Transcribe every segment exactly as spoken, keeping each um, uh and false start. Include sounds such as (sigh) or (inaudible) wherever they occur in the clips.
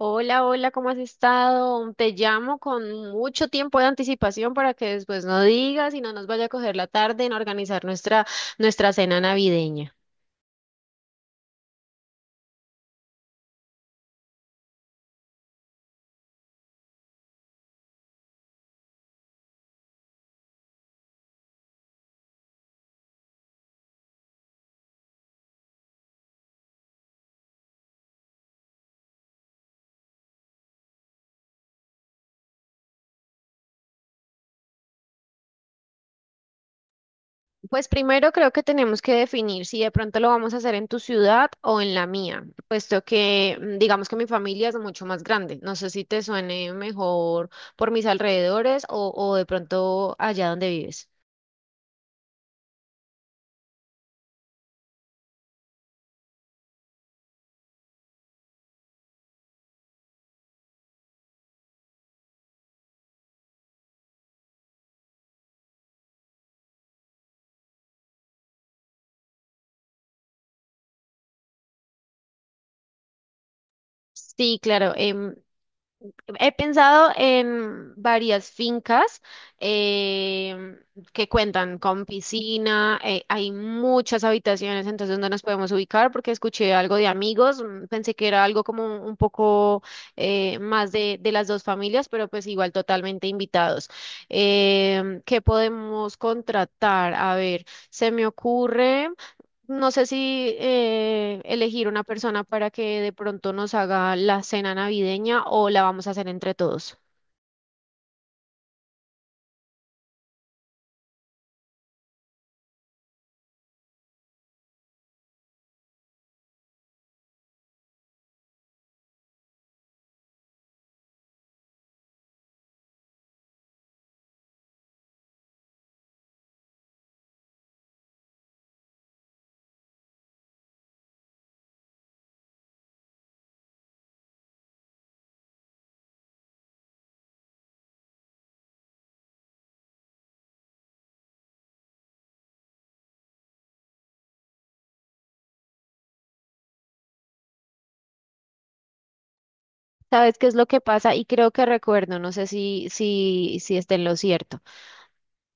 Hola, hola, ¿cómo has estado? Te llamo con mucho tiempo de anticipación para que después no digas y no nos vaya a coger la tarde en organizar nuestra, nuestra cena navideña. Pues primero creo que tenemos que definir si de pronto lo vamos a hacer en tu ciudad o en la mía, puesto que mm, digamos que mi familia es mucho más grande. No sé si te suene mejor por mis alrededores o, o de pronto allá donde vives. Sí, claro. em, He pensado en varias fincas. em, que cuentan con piscina, eh, hay muchas habitaciones, entonces no nos podemos ubicar porque escuché algo de amigos, mm, pensé que era algo como un un poco eh, más de, de las dos familias, pero pues igual totalmente invitados. Em, ¿qué podemos contratar? A ver, se me ocurre… No sé si eh, elegir una persona para que de pronto nos haga la cena navideña o la vamos a hacer entre todos. ¿Sabes qué es lo que pasa? Y creo que recuerdo, no sé si, si, si esté en lo cierto.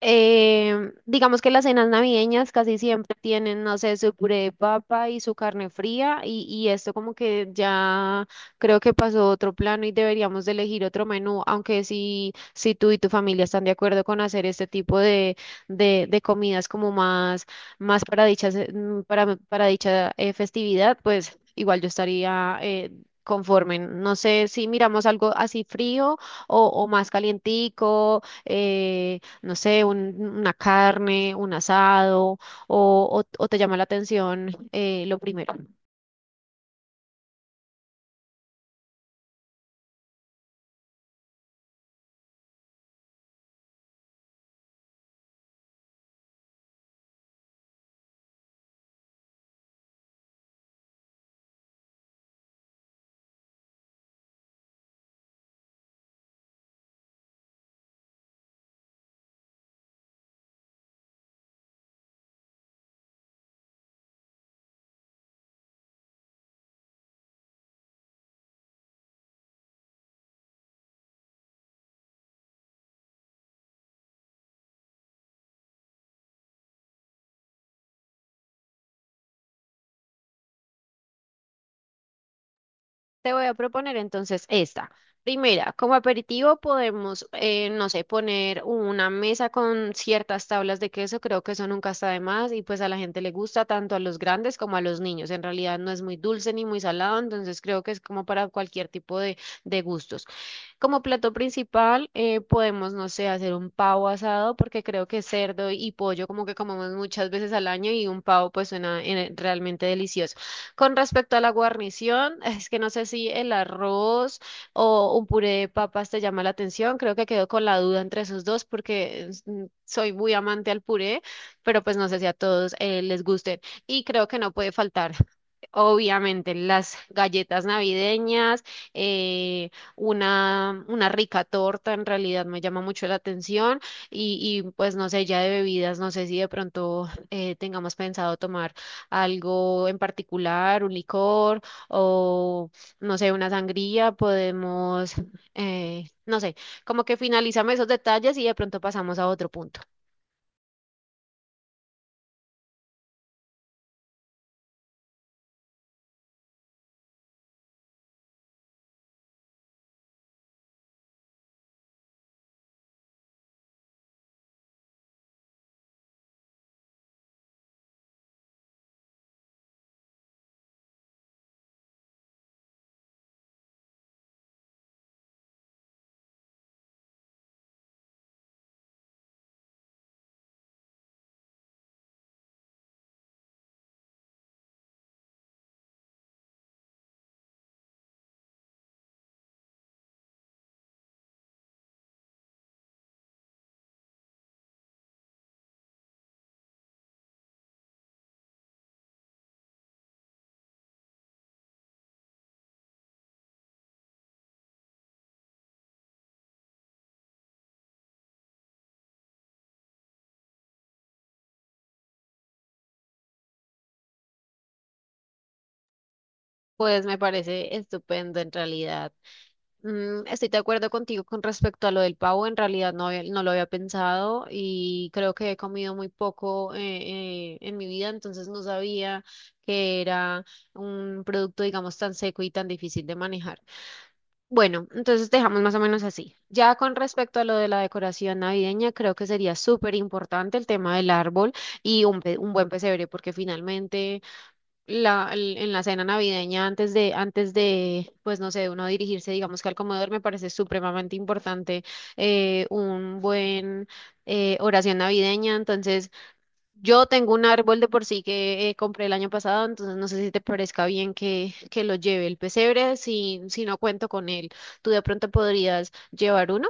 Eh, digamos que las cenas navideñas casi siempre tienen, no sé, su puré de papa y su carne fría y, y esto como que ya creo que pasó a otro plano y deberíamos de elegir otro menú, aunque si, si tú y tu familia están de acuerdo con hacer este tipo de, de, de comidas como más, más para dicha, ce- mm, para, para dicha eh, festividad, pues igual yo estaría… eh, conforme, no sé si miramos algo así frío o, o más calientico, eh, no sé, un- una carne, un asado, o, o- o te llama la atención eh, lo primero. Te voy a proponer entonces esta. Primera, como aperitivo podemos, eh, no sé, poner una mesa con ciertas tablas de queso, creo que eso nunca está de más y pues a la gente le gusta tanto a los grandes como a los niños. En realidad no es muy dulce ni muy salado, entonces creo que es como para cualquier tipo de, de gustos. Como plato principal, eh, podemos, no sé, hacer un pavo asado, porque creo que cerdo y pollo como que comemos muchas veces al año y un pavo pues suena eh, realmente delicioso. Con respecto a la guarnición, (laughs) es que no sé si el arroz o un puré de papas te llama la atención. Creo que quedo con la duda entre esos dos porque es, mm, soy muy amante al puré, pero pues no sé si a todos eh, les guste. Y creo que no puede faltar, obviamente, las galletas navideñas, eh, una, una rica torta en realidad me llama mucho la atención y, y, pues no sé, ya de bebidas, no sé si de pronto eh, tengamos pensado tomar algo en particular, un licor o no sé, una sangría, podemos, eh, no sé, como que finalizamos esos detalles y de pronto pasamos a otro punto. Pues me parece estupendo en realidad. Mm, Estoy de acuerdo contigo con respecto a lo del pavo. En realidad no había- no lo había pensado y creo que he comido muy poco eh, eh, en mi vida, entonces no sabía que era un producto, digamos, tan seco y tan difícil de manejar. Bueno, entonces dejamos más o menos así. Ya con respecto a lo de la decoración navideña, creo que sería súper importante el tema del árbol y un, pe- un buen pesebre, porque finalmente la, el- en la cena navideña antes de, antes de, pues no sé, uno dirigirse, digamos que al comedor, me parece supremamente importante eh, un buen eh, oración navideña. Entonces, yo tengo un árbol de por sí que eh, compré el año pasado, entonces no sé si te parezca bien que, que lo lleve el pesebre, si, si no cuento con él. ¿Tú de pronto podrías llevar uno?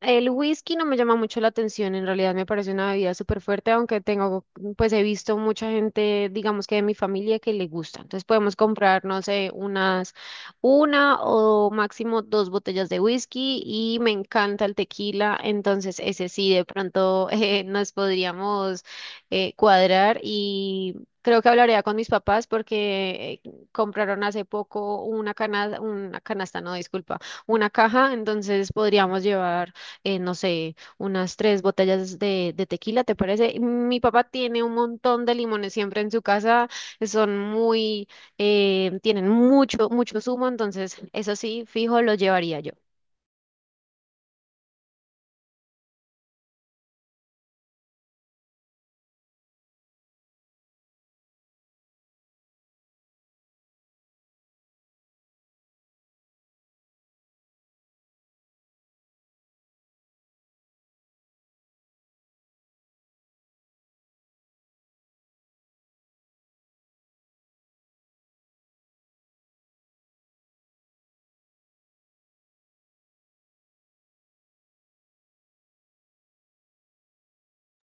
El whisky no me llama mucho la atención, en realidad me parece una bebida súper fuerte, aunque tengo, pues he visto mucha gente, digamos que de mi familia, que le gusta. Entonces podemos comprar, no sé, unas, una o máximo dos botellas de whisky y me encanta el tequila, entonces ese sí, de pronto (laughs) eh, nos podríamos eh, cuadrar y… Creo que hablaría con mis papás porque eh, compraron hace poco una canasta, una canasta, no, disculpa, una caja, entonces podríamos llevar eh, no sé, unas tres botellas de, de tequila, ¿te parece? Mi papá tiene un montón de limones siempre en su casa, son muy, eh, tienen mucho, mucho zumo, entonces eso sí, fijo, lo llevaría yo.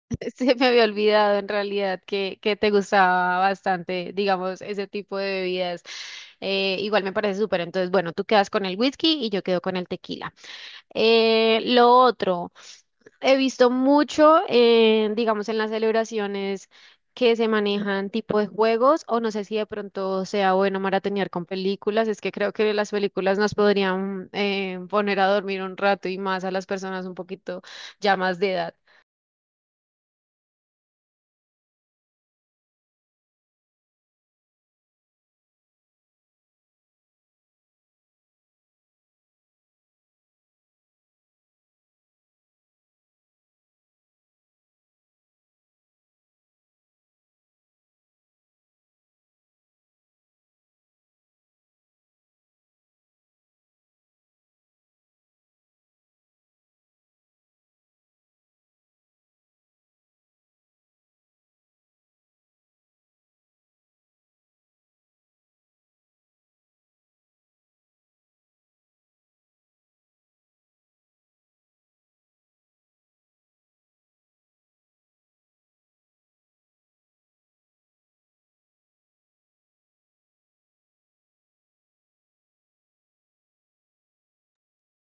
(laughs) Se me había olvidado en realidad que, que te gustaba bastante, digamos, ese tipo de bebidas. Eh, igual me parece súper, entonces bueno, tú quedas con el whisky y yo quedo con el tequila. Eh, lo otro, he visto mucho, eh, digamos, en las celebraciones que se manejan tipo de juegos, o no sé si de pronto sea bueno maratonear con películas, es que creo que las películas nos podrían eh, poner a dormir un rato y más a las personas un poquito ya más de edad.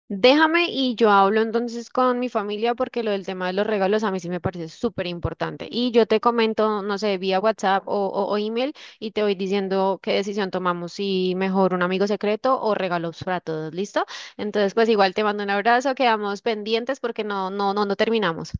Déjame y yo hablo entonces con mi familia porque lo del tema de los regalos a mí sí me parece súper importante. Y yo te comento, no sé, vía WhatsApp o, o, o email y te voy diciendo qué decisión tomamos, si mejor un amigo secreto o regalos para todos, ¿listo? Entonces, pues igual te mando un abrazo, quedamos pendientes porque no, no, no, no terminamos.